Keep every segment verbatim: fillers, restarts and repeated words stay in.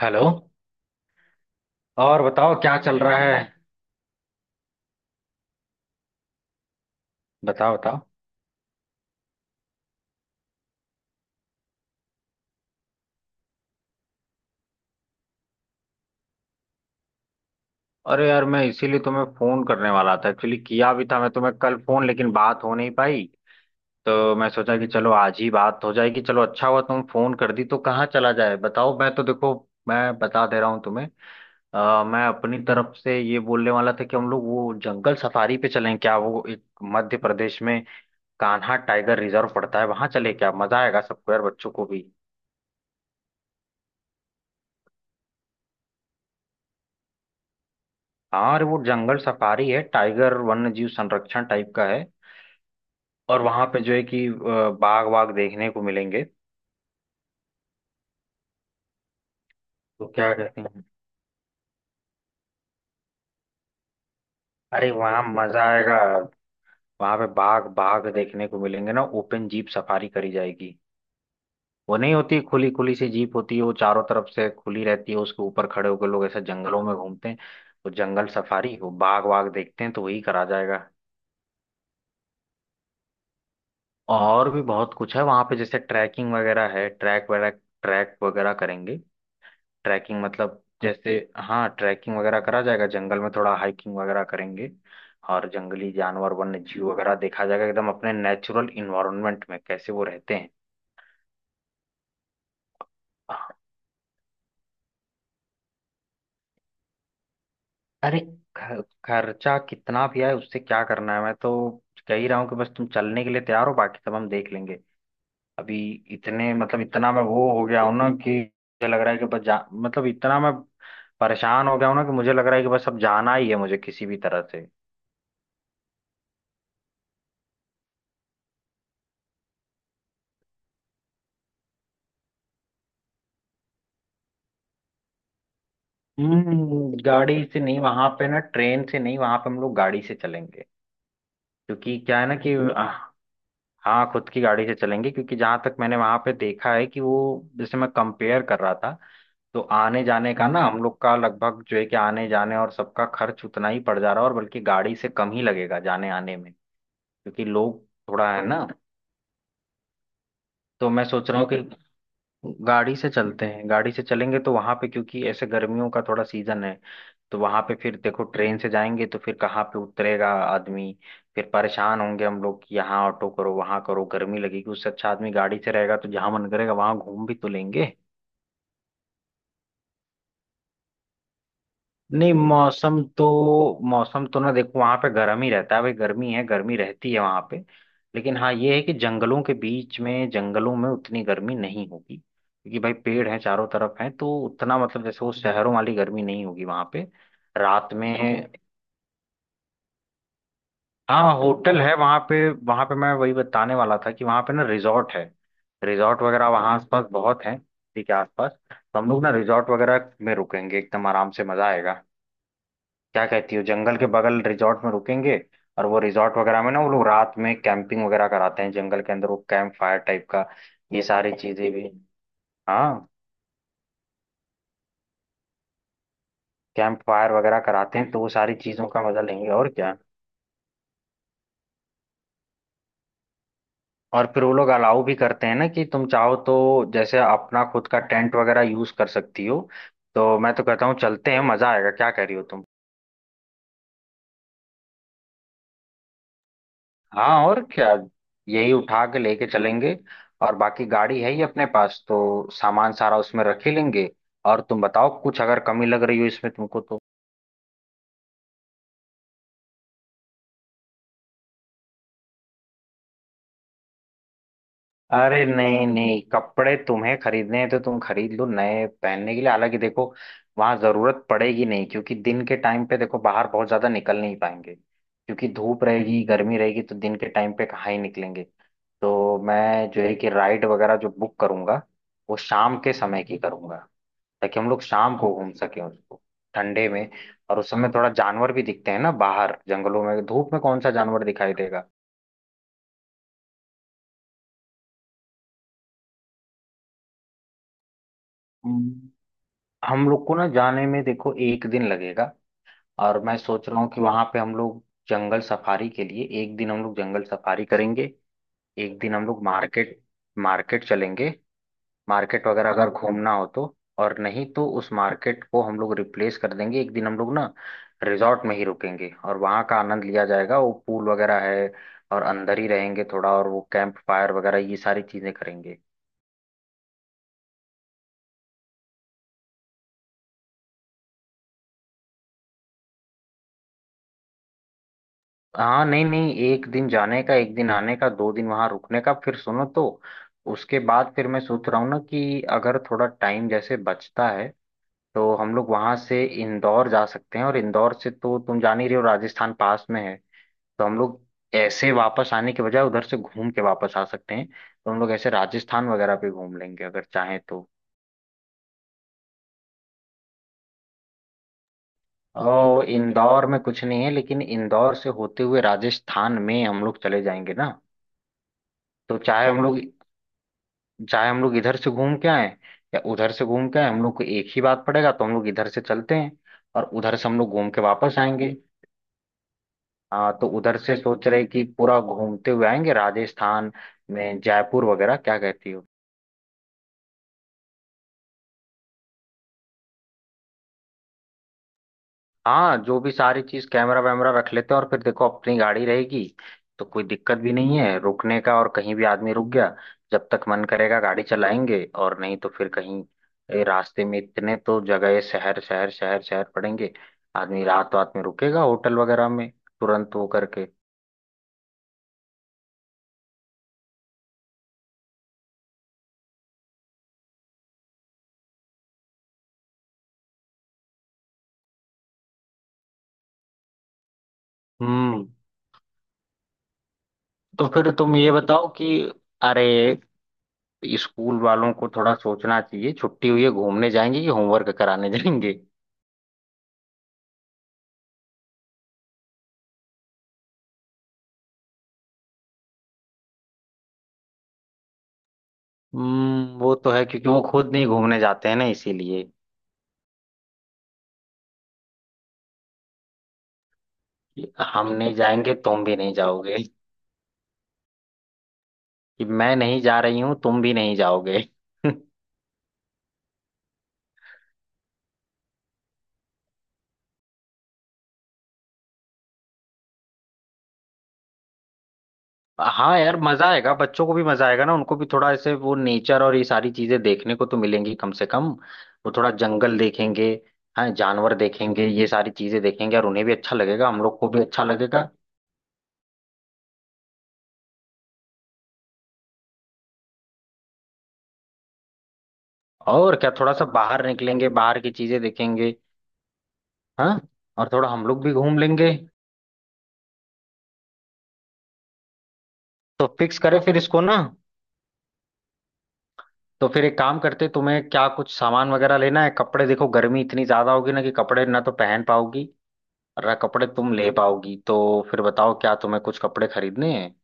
Hello. और बताओ, क्या चल रहा है? बताओ बताओ। अरे यार, मैं इसीलिए तुम्हें फोन करने वाला था। एक्चुअली किया भी था मैं तुम्हें कल फोन, लेकिन बात हो नहीं पाई। तो मैं सोचा कि चलो आज ही बात हो जाएगी। चलो अच्छा हुआ तुम फोन कर दी। तो कहाँ चला जाए बताओ, मैं तो देखो मैं बता दे रहा हूँ तुम्हें। अ, मैं अपनी तरफ से ये बोलने वाला था कि हम लोग वो जंगल सफारी पे चलें क्या। वो एक मध्य प्रदेश में कान्हा टाइगर रिजर्व पड़ता है, वहां चले क्या। मजा आएगा सबको यार, बच्चों को भी। हाँ, अरे वो जंगल सफारी है, टाइगर वन्य जीव संरक्षण टाइप का है। और वहां पे जो है कि अ, बाघ वाघ देखने को मिलेंगे। तो क्या कहते हैं? अरे वहां मजा आएगा। वहां पे बाघ बाघ देखने को मिलेंगे ना। ओपन जीप सफारी करी जाएगी। वो नहीं होती, खुली खुली सी जीप होती है, वो चारों तरफ से खुली रहती है। उसके ऊपर खड़े होकर लोग ऐसे जंगलों में घूमते हैं। वो जंगल सफारी, वो बाघ वाघ देखते हैं, तो वही करा जाएगा। और भी बहुत कुछ है वहां पे, जैसे ट्रैकिंग वगैरह है, ट्रैक वगैरह, ट्रैक वगैरह करेंगे। ट्रैकिंग मतलब जैसे हाँ, ट्रैकिंग वगैरह करा जाएगा जंगल में, थोड़ा हाइकिंग वगैरह करेंगे। और जंगली जानवर, वन्य जीव वगैरह देखा जाएगा, एकदम अपने नेचुरल इन्वायरमेंट में कैसे वो रहते हैं। अरे, ख- खर्चा कितना भी आए उससे क्या करना है। मैं तो कह ही रहा हूँ कि बस तुम चलने के लिए तैयार हो, बाकी सब हम देख लेंगे। अभी इतने मतलब इतना मैं वो हो गया हूँ ना कि मुझे लग रहा है कि बस जा मतलब इतना मैं परेशान हो गया हूँ ना कि मुझे लग रहा है कि बस अब जाना ही है मुझे किसी भी तरह से। हम्म। गाड़ी से नहीं वहां पे ना, ट्रेन से नहीं वहां पे, हम लोग गाड़ी से चलेंगे। क्योंकि क्या है ना कि आ, हाँ, खुद की गाड़ी से चलेंगे। क्योंकि जहां तक मैंने वहां पे देखा है कि वो, जैसे मैं कंपेयर कर रहा था, तो आने जाने का ना हम लोग का लगभग जो है कि आने जाने और सबका खर्च उतना ही पड़ जा रहा है, और बल्कि गाड़ी से कम ही लगेगा जाने आने में। क्योंकि लोग, थोड़ा है ना। तो मैं सोच रहा हूँ कि गाड़ी से चलते हैं। गाड़ी से चलेंगे तो वहां पे, क्योंकि ऐसे गर्मियों का थोड़ा सीजन है, तो वहां पे फिर देखो ट्रेन से जाएंगे तो फिर कहाँ पे उतरेगा आदमी। फिर परेशान होंगे हम लोग कि यहाँ ऑटो करो, वहां करो, गर्मी लगेगी। उससे अच्छा आदमी गाड़ी से रहेगा तो जहां मन करेगा वहां घूम भी तो लेंगे। नहीं, मौसम तो, मौसम तो ना देखो वहां पे गर्म ही रहता है भाई। गर्मी है, गर्मी रहती है वहां पे। लेकिन हाँ ये है कि जंगलों के बीच में, जंगलों में उतनी गर्मी नहीं होगी, क्योंकि भाई पेड़ हैं चारों तरफ हैं, तो उतना मतलब जैसे वो शहरों वाली गर्मी नहीं होगी वहां पे। रात में, हाँ होटल है वहां पे। वहां पे मैं वही बताने वाला था कि वहां पे ना रिजॉर्ट है, रिजॉर्ट वगैरह वहां आसपास बहुत है। ठीक है, आसपास तो हम लोग ना रिजॉर्ट वगैरह में रुकेंगे, एकदम आराम से, मजा आएगा। क्या कहती हो, जंगल के बगल रिजॉर्ट में रुकेंगे। और वो रिजॉर्ट वगैरह में ना वो लोग रात में कैंपिंग वगैरह कराते हैं जंगल के अंदर, वो कैंप फायर टाइप का, ये सारी चीजें भी। हाँ, कैंप फायर वगैरह कराते हैं तो वो सारी चीजों का मजा लेंगे और क्या। और फिर वो लोग अलाउ भी करते हैं ना कि तुम चाहो तो जैसे अपना खुद का टेंट वगैरह यूज कर सकती हो। तो मैं तो कहता हूँ चलते हैं, मजा आएगा। क्या कह रही हो तुम? हाँ और क्या, यही उठा के लेके चलेंगे। और बाकी गाड़ी है ही अपने पास, तो सामान सारा उसमें रख ही लेंगे। और तुम बताओ कुछ अगर कमी लग रही हो इसमें तुमको तो। अरे नहीं नहीं, कपड़े तुम्हें खरीदने हैं तो तुम खरीद लो नए पहनने के लिए। हालांकि देखो, वहां जरूरत पड़ेगी नहीं, क्योंकि दिन के टाइम पे देखो बाहर बहुत ज्यादा निकल नहीं पाएंगे, क्योंकि धूप रहेगी, गर्मी रहेगी। तो दिन के टाइम पे कहाँ ही निकलेंगे। तो मैं जो है कि राइड वगैरह जो बुक करूंगा, वो शाम के समय की करूंगा, ताकि हम लोग शाम को घूम सकें उसको, ठंडे में। और उस समय थोड़ा जानवर भी दिखते हैं ना बाहर जंगलों में। धूप में कौन सा जानवर दिखाई देगा। हम्म। हम लोग को ना जाने में देखो एक दिन लगेगा। और मैं सोच रहा हूँ कि वहां पे हम लोग जंगल सफारी के लिए एक दिन, हम लोग जंगल सफारी करेंगे। एक दिन हम लोग मार्केट, मार्केट चलेंगे। मार्केट वगैरह अगर घूमना हो तो, और नहीं तो उस मार्केट को हम लोग रिप्लेस कर देंगे, एक दिन हम लोग ना रिजॉर्ट में ही रुकेंगे और वहाँ का आनंद लिया जाएगा। वो पूल वगैरह है, और अंदर ही रहेंगे थोड़ा, और वो कैंप फायर वगैरह ये सारी चीजें करेंगे। हाँ नहीं नहीं, एक दिन जाने का, एक दिन आने का, दो दिन वहाँ रुकने का। फिर सुनो तो, उसके बाद फिर मैं सोच रहा हूँ ना कि अगर थोड़ा टाइम जैसे बचता है, तो हम लोग वहां से इंदौर जा सकते हैं, और इंदौर से तो तुम जान ही रहे हो राजस्थान पास में है। तो हम लोग ऐसे वापस आने के बजाय उधर से घूम के वापस आ सकते हैं, तो हम लोग ऐसे राजस्थान वगैरह पे घूम लेंगे अगर चाहें तो। तो इंदौर में कुछ नहीं है, लेकिन इंदौर से होते हुए राजस्थान में हम लोग चले जाएंगे ना। तो चाहे हम लोग चाहे हम लोग इधर से घूम के आए, या उधर से घूम के आए, हम लोग को एक ही बात पड़ेगा। तो हम लोग इधर से चलते हैं, और उधर से हम लोग घूम के वापस आएंगे। हाँ तो उधर से सोच रहे कि पूरा घूमते हुए आएंगे राजस्थान में, जयपुर वगैरह। क्या कहती हो? हाँ जो भी सारी चीज, कैमरा वैमरा रख लेते हैं। और फिर देखो अपनी गाड़ी रहेगी तो कोई दिक्कत भी नहीं है रुकने का, और कहीं भी आदमी रुक गया, जब तक मन करेगा गाड़ी चलाएंगे और नहीं तो फिर कहीं, ए, रास्ते में इतने तो जगह, शहर शहर शहर शहर पड़ेंगे। आदमी रात रात में रुकेगा होटल वगैरह में तुरंत वो करके। हम्म। तो फिर तुम ये बताओ कि, अरे स्कूल वालों को थोड़ा सोचना चाहिए, छुट्टी हुई है घूमने जाएंगे कि होमवर्क कराने जाएंगे। हम्म, वो तो है क्योंकि वो खुद नहीं घूमने जाते हैं ना, इसीलिए कि हम नहीं जाएंगे तुम भी नहीं जाओगे, कि मैं नहीं जा रही हूँ तुम भी नहीं जाओगे। हाँ यार, मजा आएगा, बच्चों को भी मजा आएगा ना। उनको भी थोड़ा ऐसे वो नेचर और ये सारी चीजें देखने को तो मिलेंगी कम से कम। वो थोड़ा जंगल देखेंगे, हाँ जानवर देखेंगे, ये सारी चीजें देखेंगे, और उन्हें भी अच्छा लगेगा, हम लोग को भी अच्छा लगेगा। और क्या, थोड़ा सा बाहर निकलेंगे, बाहर की चीजें देखेंगे। हाँ, और थोड़ा हम लोग भी घूम लेंगे। तो फिक्स करें फिर इसको ना। तो फिर एक काम करते, तुम्हें क्या कुछ सामान वगैरह लेना है? कपड़े देखो, गर्मी इतनी ज्यादा होगी ना कि कपड़े ना तो पहन पाओगी और ना कपड़े तुम ले पाओगी। तो फिर बताओ क्या तुम्हें कुछ कपड़े खरीदने हैं?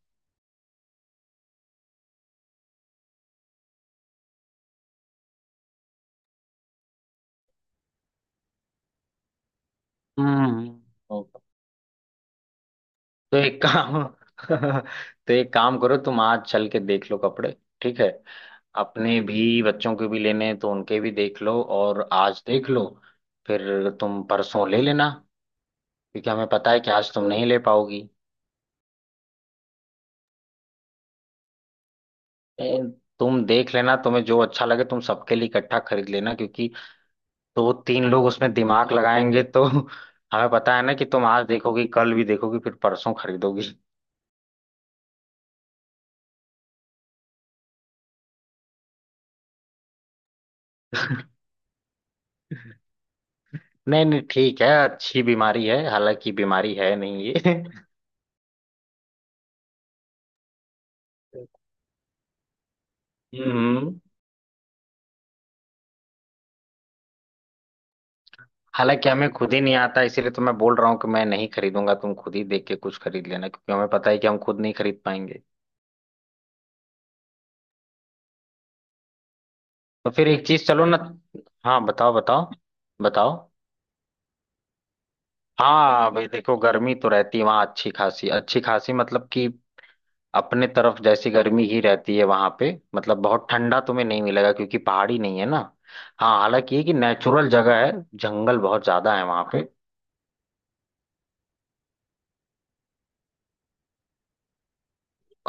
हम्म। तो एक काम तो एक काम करो, तुम आज चल के देख लो कपड़े, ठीक है। अपने भी, बच्चों के भी लेने हैं तो उनके भी देख लो, और आज देख लो, फिर तुम परसों ले लेना। क्योंकि हमें पता है कि आज तुम नहीं ले पाओगी। ए, तुम देख लेना, तुम्हें जो अच्छा लगे तुम सबके लिए इकट्ठा खरीद लेना। क्योंकि तो वो तीन लोग उसमें दिमाग लगाएंगे तो। हमें पता है ना कि तुम आज देखोगी, कल भी देखोगी, फिर परसों खरीदोगी। नहीं नहीं ठीक है, अच्छी बीमारी है, हालांकि बीमारी है नहीं ये। हम्म, हालांकि हमें खुद ही नहीं आता, इसीलिए तो मैं बोल रहा हूँ कि मैं नहीं खरीदूंगा, तुम खुद ही देख के कुछ खरीद लेना, क्योंकि हमें पता है कि हम खुद नहीं खरीद पाएंगे। तो फिर एक चीज चलो ना। हाँ बताओ बताओ, बताओ। हाँ भाई देखो, गर्मी तो रहती है वहाँ अच्छी खासी, अच्छी खासी मतलब कि अपने तरफ जैसी गर्मी ही रहती है वहाँ पे। मतलब बहुत ठंडा तुम्हें नहीं मिलेगा क्योंकि पहाड़ी नहीं है ना। हाँ हालांकि ये कि नेचुरल जगह है, जंगल बहुत ज्यादा है वहाँ पे।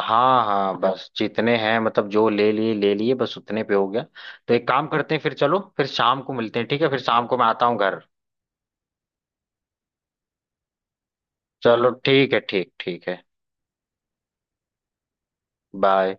हाँ हाँ, बस जितने हैं, मतलब जो ले लिए ले लिए, बस उतने पे हो गया। तो एक काम करते हैं, फिर चलो, फिर शाम को मिलते हैं, ठीक है, फिर शाम को मैं आता हूँ घर। चलो ठीक है, ठीक ठीक है। बाय।